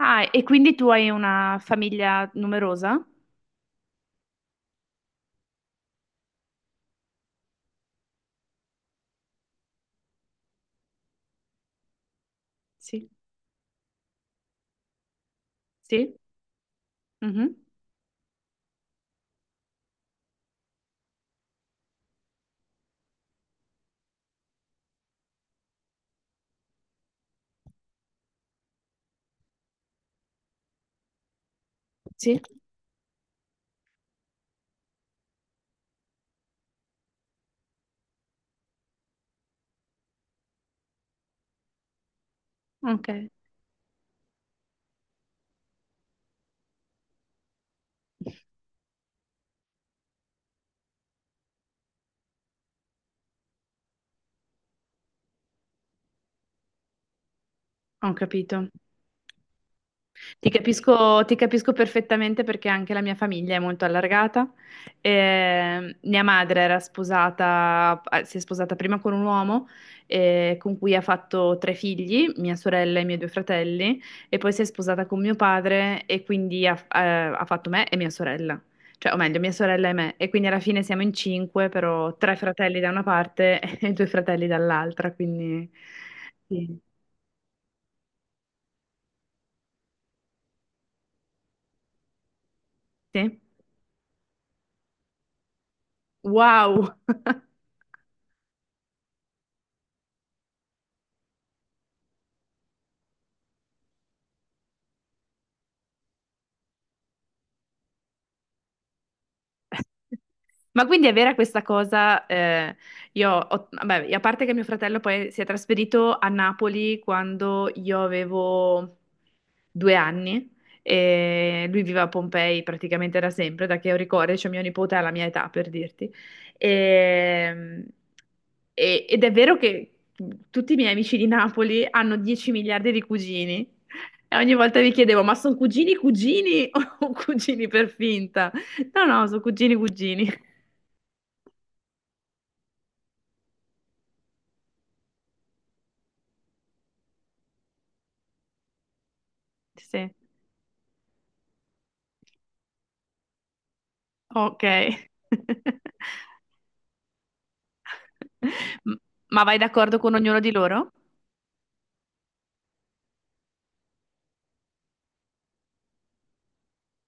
Ah, e quindi tu hai una famiglia numerosa? Sì. Sì? Mhm. Sì? Ok, ho capito. Ti capisco perfettamente perché anche la mia famiglia è molto allargata. Mia madre era sposata, si è sposata prima con un uomo con cui ha fatto tre figli, mia sorella e i miei due fratelli, e poi si è sposata con mio padre e quindi ha fatto me e mia sorella, cioè, o meglio, mia sorella e me. E quindi alla fine siamo in cinque, però tre fratelli da una parte e due fratelli dall'altra, quindi sì. Sì. Wow! Ma quindi è vera questa cosa? Vabbè, a parte che mio fratello poi si è trasferito a Napoli quando io avevo 2 anni e lui vive a Pompei praticamente da sempre, da che ho ricordo, cioè mio nipote ha la mia età per dirti. E- Ed è vero che tutti i miei amici di Napoli hanno 10 miliardi di cugini e ogni volta mi chiedevo, ma sono cugini cugini o cugini per finta? No, no, sono cugini cugini. Sì. Ok. M- Ma vai d'accordo con ognuno di loro?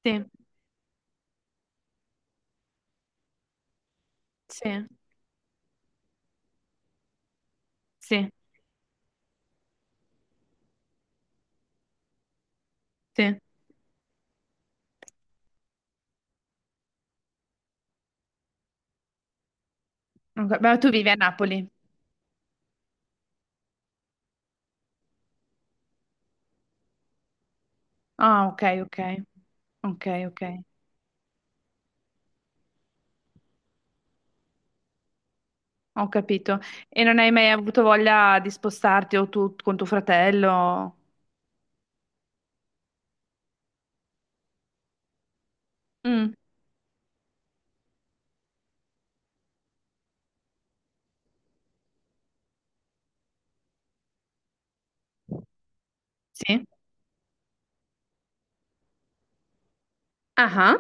Sì, sì, sì, sì. Ok, beh, tu vivi a Napoli. Ah, ok, ok. Ok, ok. Ho capito. E non hai mai avuto voglia di spostarti o tu con tuo fratello? Mm. Sì. Ah, ah.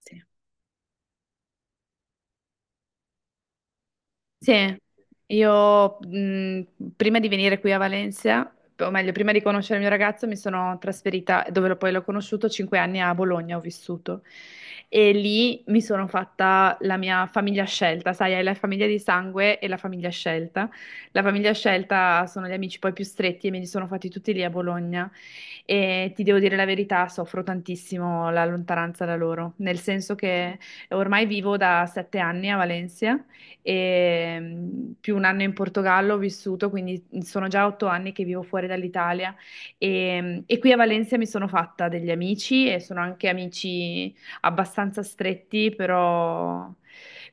Sì. Sì, io prima di venire qui a Valencia, o meglio, prima di conoscere il mio ragazzo, mi sono trasferita, dove poi l'ho conosciuto, 5 anni a Bologna ho vissuto. E lì mi sono fatta la mia famiglia scelta, sai, hai la famiglia di sangue e la famiglia scelta. La famiglia scelta sono gli amici poi più stretti e me li sono fatti tutti lì a Bologna. E ti devo dire la verità, soffro tantissimo la lontananza da loro, nel senso che ormai vivo da 7 anni a Valencia e più un anno in Portogallo ho vissuto, quindi sono già 8 anni che vivo fuori dall'Italia e qui a Valencia mi sono fatta degli amici e sono anche amici abbastanza stretti, però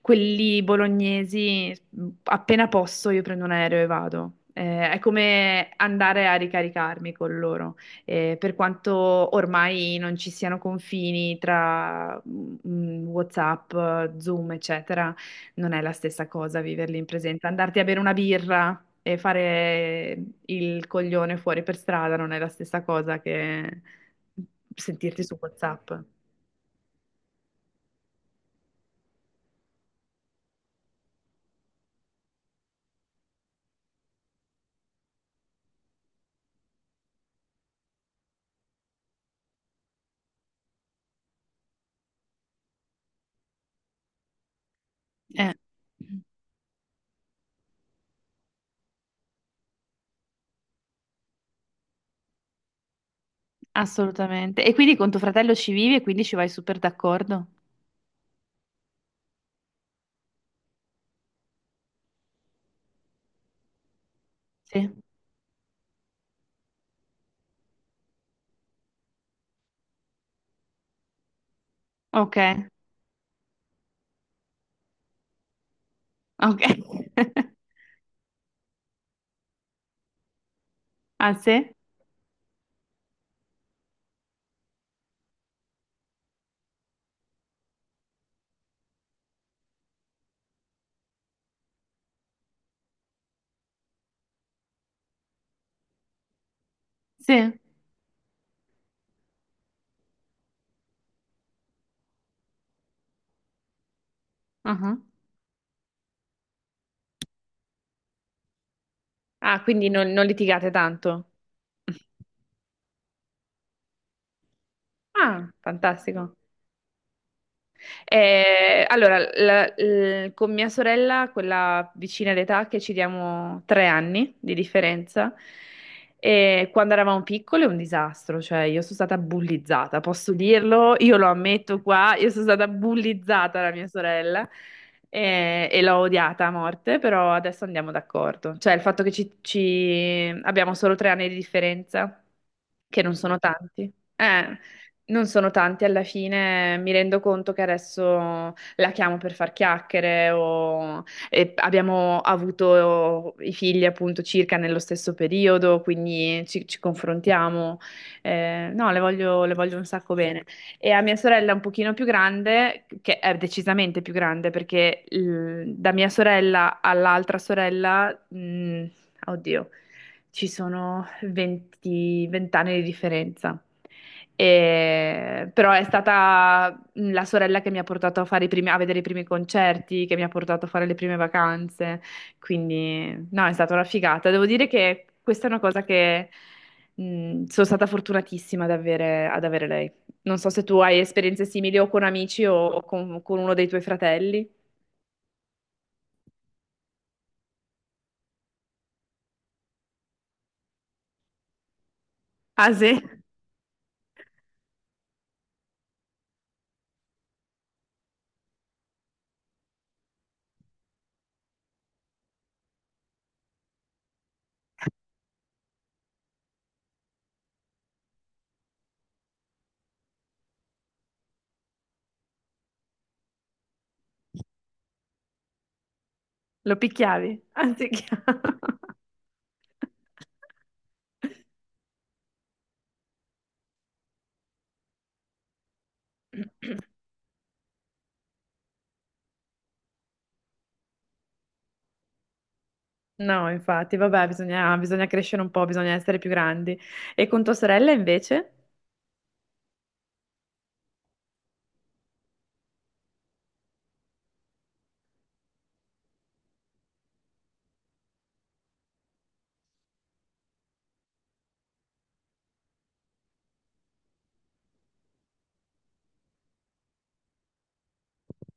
quelli bolognesi appena posso io prendo un aereo e vado. È come andare a ricaricarmi con loro, per quanto ormai non ci siano confini tra WhatsApp, Zoom, eccetera. Non è la stessa cosa viverli in presenza. Andarti a bere una birra e fare il coglione fuori per strada non è la stessa cosa che sentirti su WhatsApp. Eh, Assolutamente. E quindi con tuo fratello ci vivi e quindi ci vai super d'accordo? Sì. Ok, ok. Ah, sì? Sì. Ah, ah. Ah, quindi non litigate tanto. Ah, fantastico. Allora, con mia sorella, quella vicina d'età, che ci diamo 3 anni di differenza, e quando eravamo piccole è un disastro, cioè io sono stata bullizzata, posso dirlo, io lo ammetto qua, io sono stata bullizzata da mia sorella e l'ho odiata a morte, però adesso andiamo d'accordo. Cioè il fatto che abbiamo solo 3 anni di differenza, che non sono tanti. Non sono tanti, alla fine mi rendo conto che adesso la chiamo per far chiacchiere o e abbiamo avuto i figli appunto circa nello stesso periodo, quindi ci confrontiamo. No, le voglio un sacco bene. E a mia sorella un pochino più grande, che è decisamente più grande perché da mia sorella all'altra sorella, oddio, ci sono 20 anni di differenza. Però è stata la sorella che mi ha portato a fare i primi- a vedere i primi concerti, che mi ha portato a fare le prime vacanze. Quindi, no, è stata una figata. Devo dire che questa è una cosa che sono stata fortunatissima ad avere lei. Non so se tu hai esperienze simili o con amici o con uno dei tuoi fratelli. Ah, sì? Lo picchiavi? Ah, sì. No, infatti, vabbè, bisogna, bisogna crescere un po', bisogna essere più grandi. E con tua sorella invece?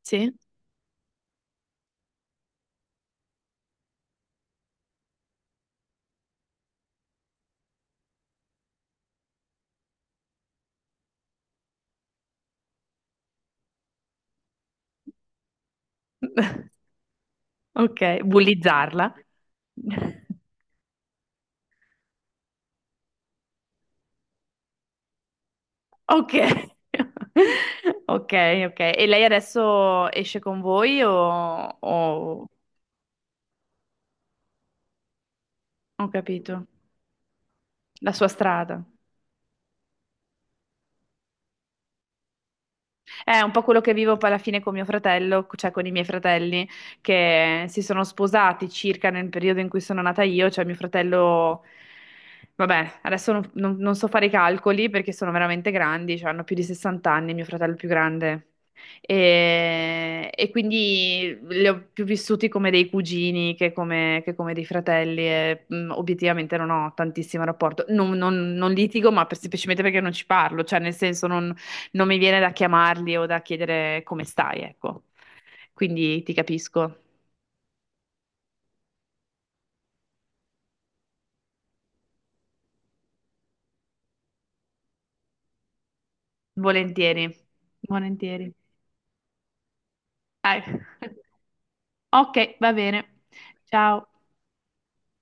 Sì? Ok, bullizzarla. Ok. Ok, ok. E lei adesso esce con voi o? Ho capito. La sua strada. È un po' quello che vivo poi alla fine con mio fratello, cioè con i miei fratelli che si sono sposati circa nel periodo in cui sono nata io, cioè mio fratello, vabbè, adesso non so fare i calcoli perché sono veramente grandi, cioè hanno più di 60 anni, mio fratello più grande. E quindi li ho più vissuti come dei cugini che come dei fratelli e obiettivamente non ho tantissimo rapporto. Non litigo, ma semplicemente perché non ci parlo, cioè nel senso non mi viene da chiamarli o da chiedere come stai, ecco. Quindi ti capisco. Volentieri, volentieri. Dai. Ok, va bene. Ciao.